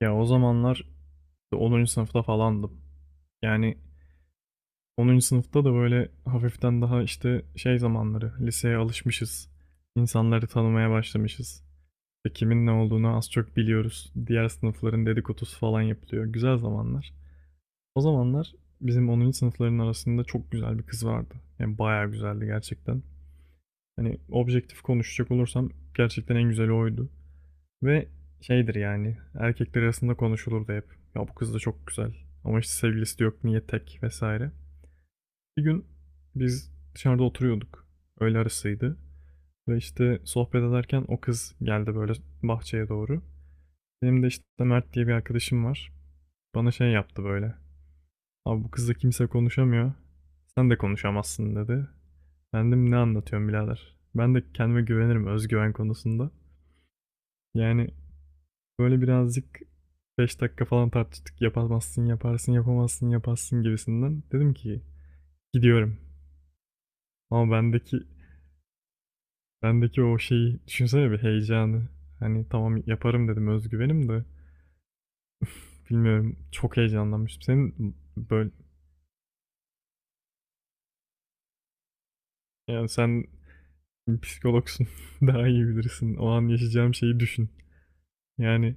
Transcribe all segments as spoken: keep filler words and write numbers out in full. Ya o zamanlar işte onuncu sınıfta falandım. Yani onuncu sınıfta da böyle hafiften daha işte şey zamanları, liseye alışmışız. İnsanları tanımaya başlamışız. İşte kimin ne olduğunu az çok biliyoruz. Diğer sınıfların dedikodusu falan yapılıyor. Güzel zamanlar. O zamanlar bizim onuncu sınıfların arasında çok güzel bir kız vardı. Yani bayağı güzeldi gerçekten. Hani objektif konuşacak olursam gerçekten en güzeli oydu. Ve şeydir yani erkekler arasında konuşulurdu hep. Ya bu kız da çok güzel ama işte sevgilisi de yok niye tek vesaire. Bir gün biz dışarıda oturuyorduk. Öğle arasıydı. Ve işte sohbet ederken o kız geldi böyle bahçeye doğru. Benim de işte Mert diye bir arkadaşım var. Bana şey yaptı böyle. Abi bu kızla kimse konuşamıyor. Sen de konuşamazsın dedi. Ben dedim ne anlatıyorum birader. Ben de kendime güvenirim özgüven konusunda. Yani Böyle birazcık beş dakika falan tartıştık. Yapamazsın, yaparsın, yapamazsın, yaparsın gibisinden. Dedim ki gidiyorum. Ama bendeki bendeki o şeyi düşünsene bir heyecanı. Hani tamam yaparım dedim özgüvenim de bilmiyorum çok heyecanlanmıştım. Senin böyle yani sen psikologsun daha iyi bilirsin. O an yaşayacağım şeyi düşün. Yani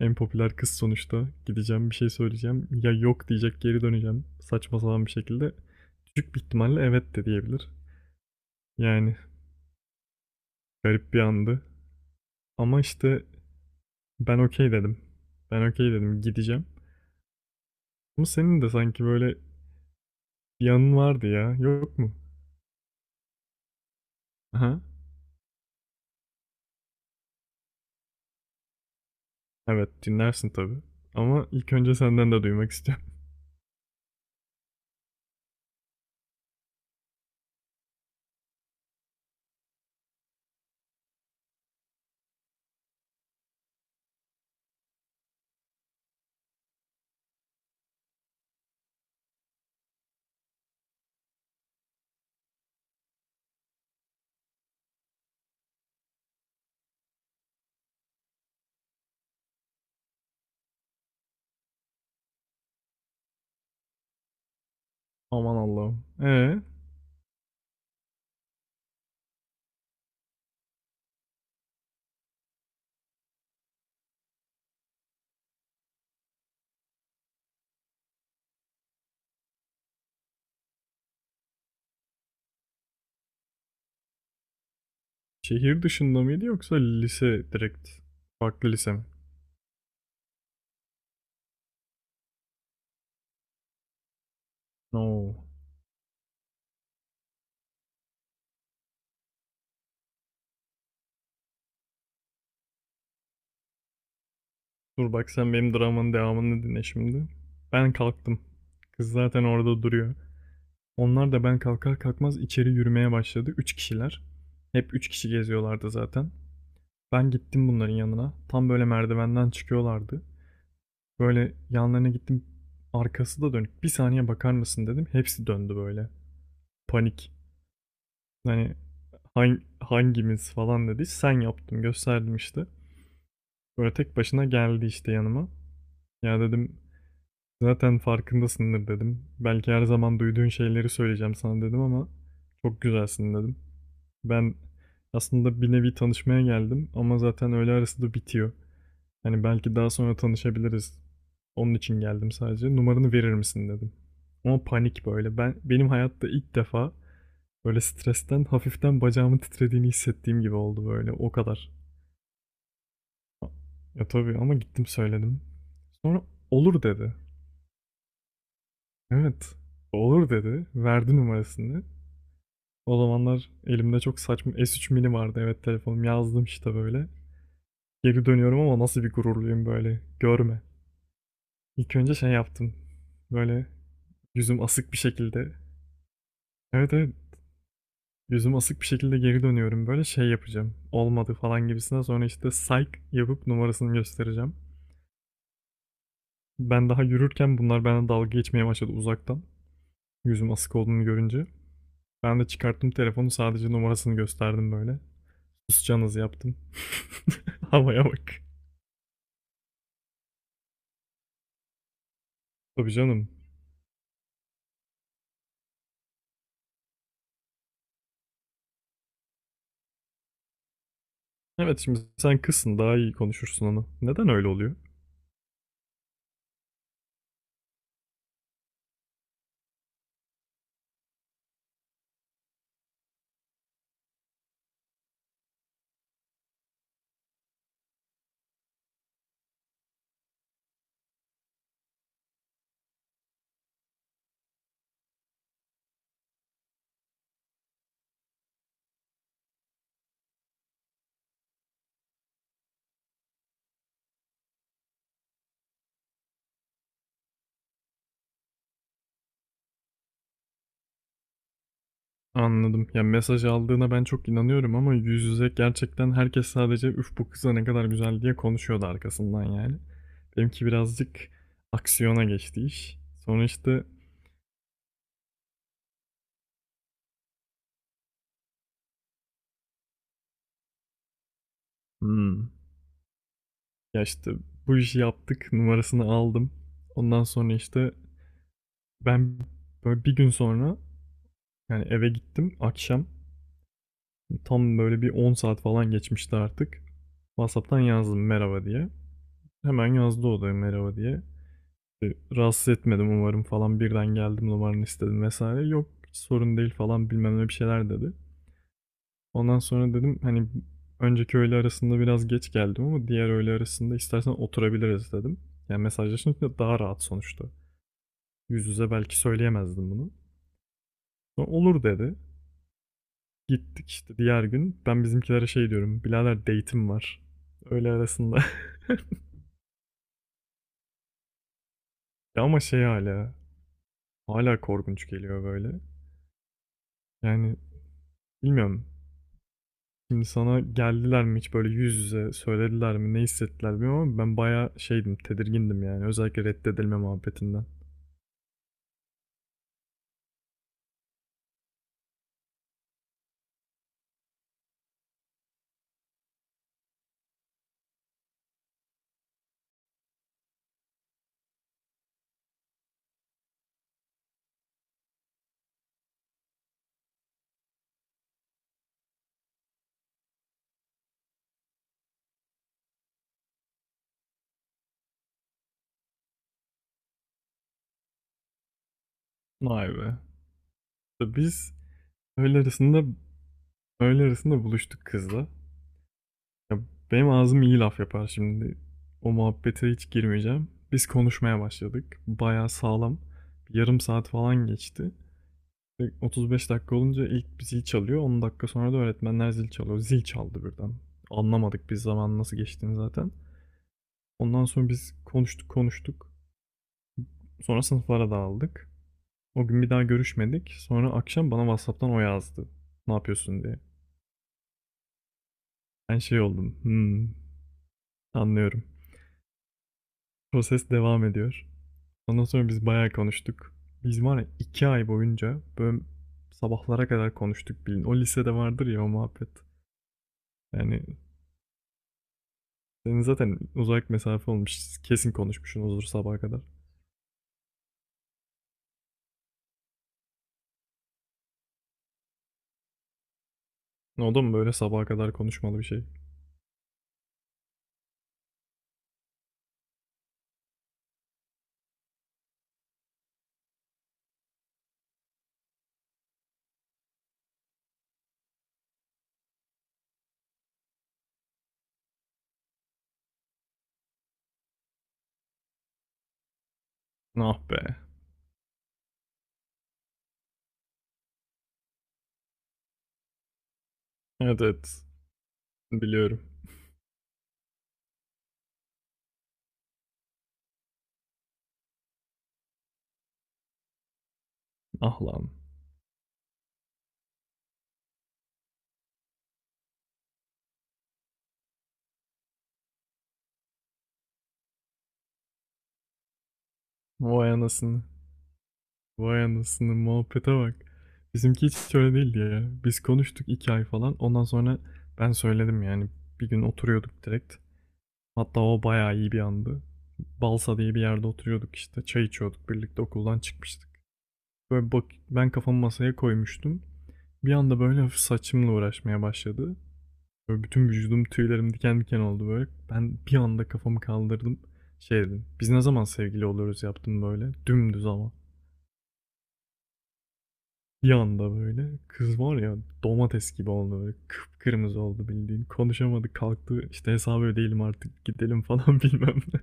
en popüler kız sonuçta. Gideceğim bir şey söyleyeceğim. Ya yok diyecek geri döneceğim. Saçma sapan bir şekilde. Küçük bir ihtimalle evet de diyebilir. Yani Garip bir andı. Ama işte ben okey dedim. Ben okey dedim gideceğim. Ama senin de sanki böyle bir yanın vardı ya. Yok mu? Aha. Evet dinlersin tabii. Ama ilk önce senden de duymak istiyorum. Aman Allah'ım. Ee, şehir dışında mıydı yoksa lise direkt? Farklı lise mi? No. Dur bak sen benim dramanın devamını dinle şimdi. Ben kalktım. Kız zaten orada duruyor. Onlar da ben kalkar kalkmaz içeri yürümeye başladı. Üç kişiler. Hep üç kişi geziyorlardı zaten. Ben gittim bunların yanına. Tam böyle merdivenden çıkıyorlardı. Böyle yanlarına gittim. Arkası da dönük. Bir saniye bakar mısın dedim. Hepsi döndü böyle. Panik. Hani hang- hangimiz falan dedi. Sen yaptım gösterdim işte. Böyle tek başına geldi işte yanıma. Ya dedim zaten farkındasındır dedim. Belki her zaman duyduğun şeyleri söyleyeceğim sana dedim ama çok güzelsin dedim. Ben aslında bir nevi tanışmaya geldim ama zaten öğle arası da bitiyor. Hani belki daha sonra tanışabiliriz. Onun için geldim sadece. Numaranı verir misin dedim. Ama panik böyle. Ben benim hayatta ilk defa böyle stresten hafiften bacağımın titrediğini hissettiğim gibi oldu böyle. O kadar. Ya tabii ama gittim söyledim. Sonra olur dedi. Evet. Olur dedi. Verdi numarasını. O zamanlar elimde çok saçma S üç mini vardı. Evet telefonum yazdım işte böyle. Geri dönüyorum ama nasıl bir gururluyum böyle. Görme. İlk önce şey yaptım. Böyle Yüzüm asık bir şekilde. Evet evet. Yüzüm asık bir şekilde geri dönüyorum. Böyle şey yapacağım. Olmadı falan gibisine. Sonra işte psych yapıp numarasını göstereceğim. Ben daha yürürken bunlar bana dalga geçmeye başladı uzaktan. Yüzüm asık olduğunu görünce. Ben de çıkarttım telefonu sadece numarasını gösterdim böyle. Susacağınız yaptım. Havaya bak. Tabii canım. Evet şimdi sen kızsın daha iyi konuşursun onu. Neden öyle oluyor? Anladım. Ya, mesaj aldığına ben çok inanıyorum ama yüz yüze gerçekten herkes sadece "Üf, bu kıza ne kadar güzel." diye konuşuyordu arkasından yani. Benimki birazcık aksiyona geçti iş. Sonra, işte, hımm, ya, işte, bu işi yaptık numarasını aldım. Ondan sonra, işte, ben böyle bir gün sonra, yani, eve gittim akşam. Tam böyle bir on saat falan geçmişti artık. WhatsApp'tan yazdım merhaba diye. Hemen yazdı o da merhaba diye. E, Rahatsız etmedim umarım falan birden geldim numaranı istedim vesaire. Yok sorun değil falan bilmem ne bir şeyler dedi. Ondan sonra dedim hani önceki öğle arasında biraz geç geldim ama diğer öğle arasında istersen oturabiliriz dedim. Yani mesajlaşınca daha rahat sonuçta. Yüz yüze belki söyleyemezdim bunu. Sonra olur dedi. Gittik işte diğer gün. Ben bizimkilere şey diyorum. Birader date'im var. Öğle arasında. ama şey hala. Hala korkunç geliyor böyle. Yani bilmiyorum. Şimdi sana geldiler mi hiç böyle yüz yüze söylediler mi ne hissettiler bilmiyorum ama ben bayağı şeydim tedirgindim yani özellikle reddedilme muhabbetinden. Vay be. İşte Biz öğle arasında öğle arasında buluştuk kızla. Ya benim ağzım iyi laf yapar şimdi. O muhabbete hiç girmeyeceğim. Biz konuşmaya başladık. Bayağı sağlam. Bir yarım saat falan geçti. Ve otuz beş dakika olunca ilk bir zil çalıyor. on dakika sonra da öğretmenler zil çalıyor. Zil çaldı birden. Anlamadık biz zaman nasıl geçtiğini zaten. Ondan sonra biz konuştuk konuştuk. Sonra sınıflara dağıldık. O gün bir daha görüşmedik. Sonra akşam bana WhatsApp'tan o yazdı. Ne yapıyorsun diye. Ben şey oldum. Hmm, anlıyorum. Proses devam ediyor. Ondan sonra biz bayağı konuştuk. Biz var ya iki ay boyunca böyle sabahlara kadar konuştuk bilin. O lisede vardır ya o muhabbet. Yani senin zaten uzak mesafe olmuş. Kesin konuşmuşsunuzdur sabaha kadar. O da mı böyle sabaha kadar konuşmalı bir şey? Ah be. Evet evet. Biliyorum. Ah lan. Vay anasını. Vay anasını muhabbete bak. Bizimki hiç öyle değildi ya. Biz konuştuk iki ay falan. Ondan sonra ben söyledim yani. Bir gün oturuyorduk direkt. Hatta o bayağı iyi bir andı. Balsa diye bir yerde oturuyorduk işte. Çay içiyorduk birlikte okuldan çıkmıştık. Böyle bak ben kafamı masaya koymuştum. Bir anda böyle hafif saçımla uğraşmaya başladı. Böyle bütün vücudum tüylerim diken diken oldu böyle. Ben bir anda kafamı kaldırdım. Şey dedim. Biz ne zaman sevgili oluyoruz yaptım böyle. Dümdüz ama. Bir anda böyle kız var ya domates gibi oldu böyle kıpkırmızı oldu bildiğin. Konuşamadık kalktı işte hesabı ödeyelim artık gidelim falan bilmem ne.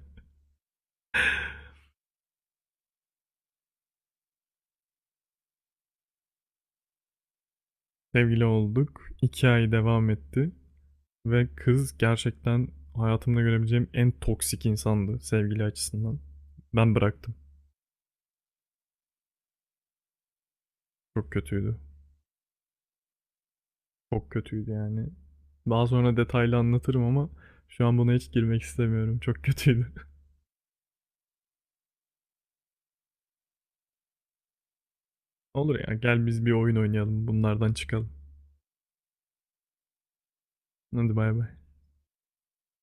Sevgili olduk. İki ay devam etti ve kız gerçekten hayatımda görebileceğim en toksik insandı sevgili açısından. Ben bıraktım. Çok kötüydü. Çok kötüydü yani. Daha sonra detaylı anlatırım ama şu an buna hiç girmek istemiyorum. Çok kötüydü. Olur ya gel biz bir oyun oynayalım bunlardan çıkalım. Hadi bay bay.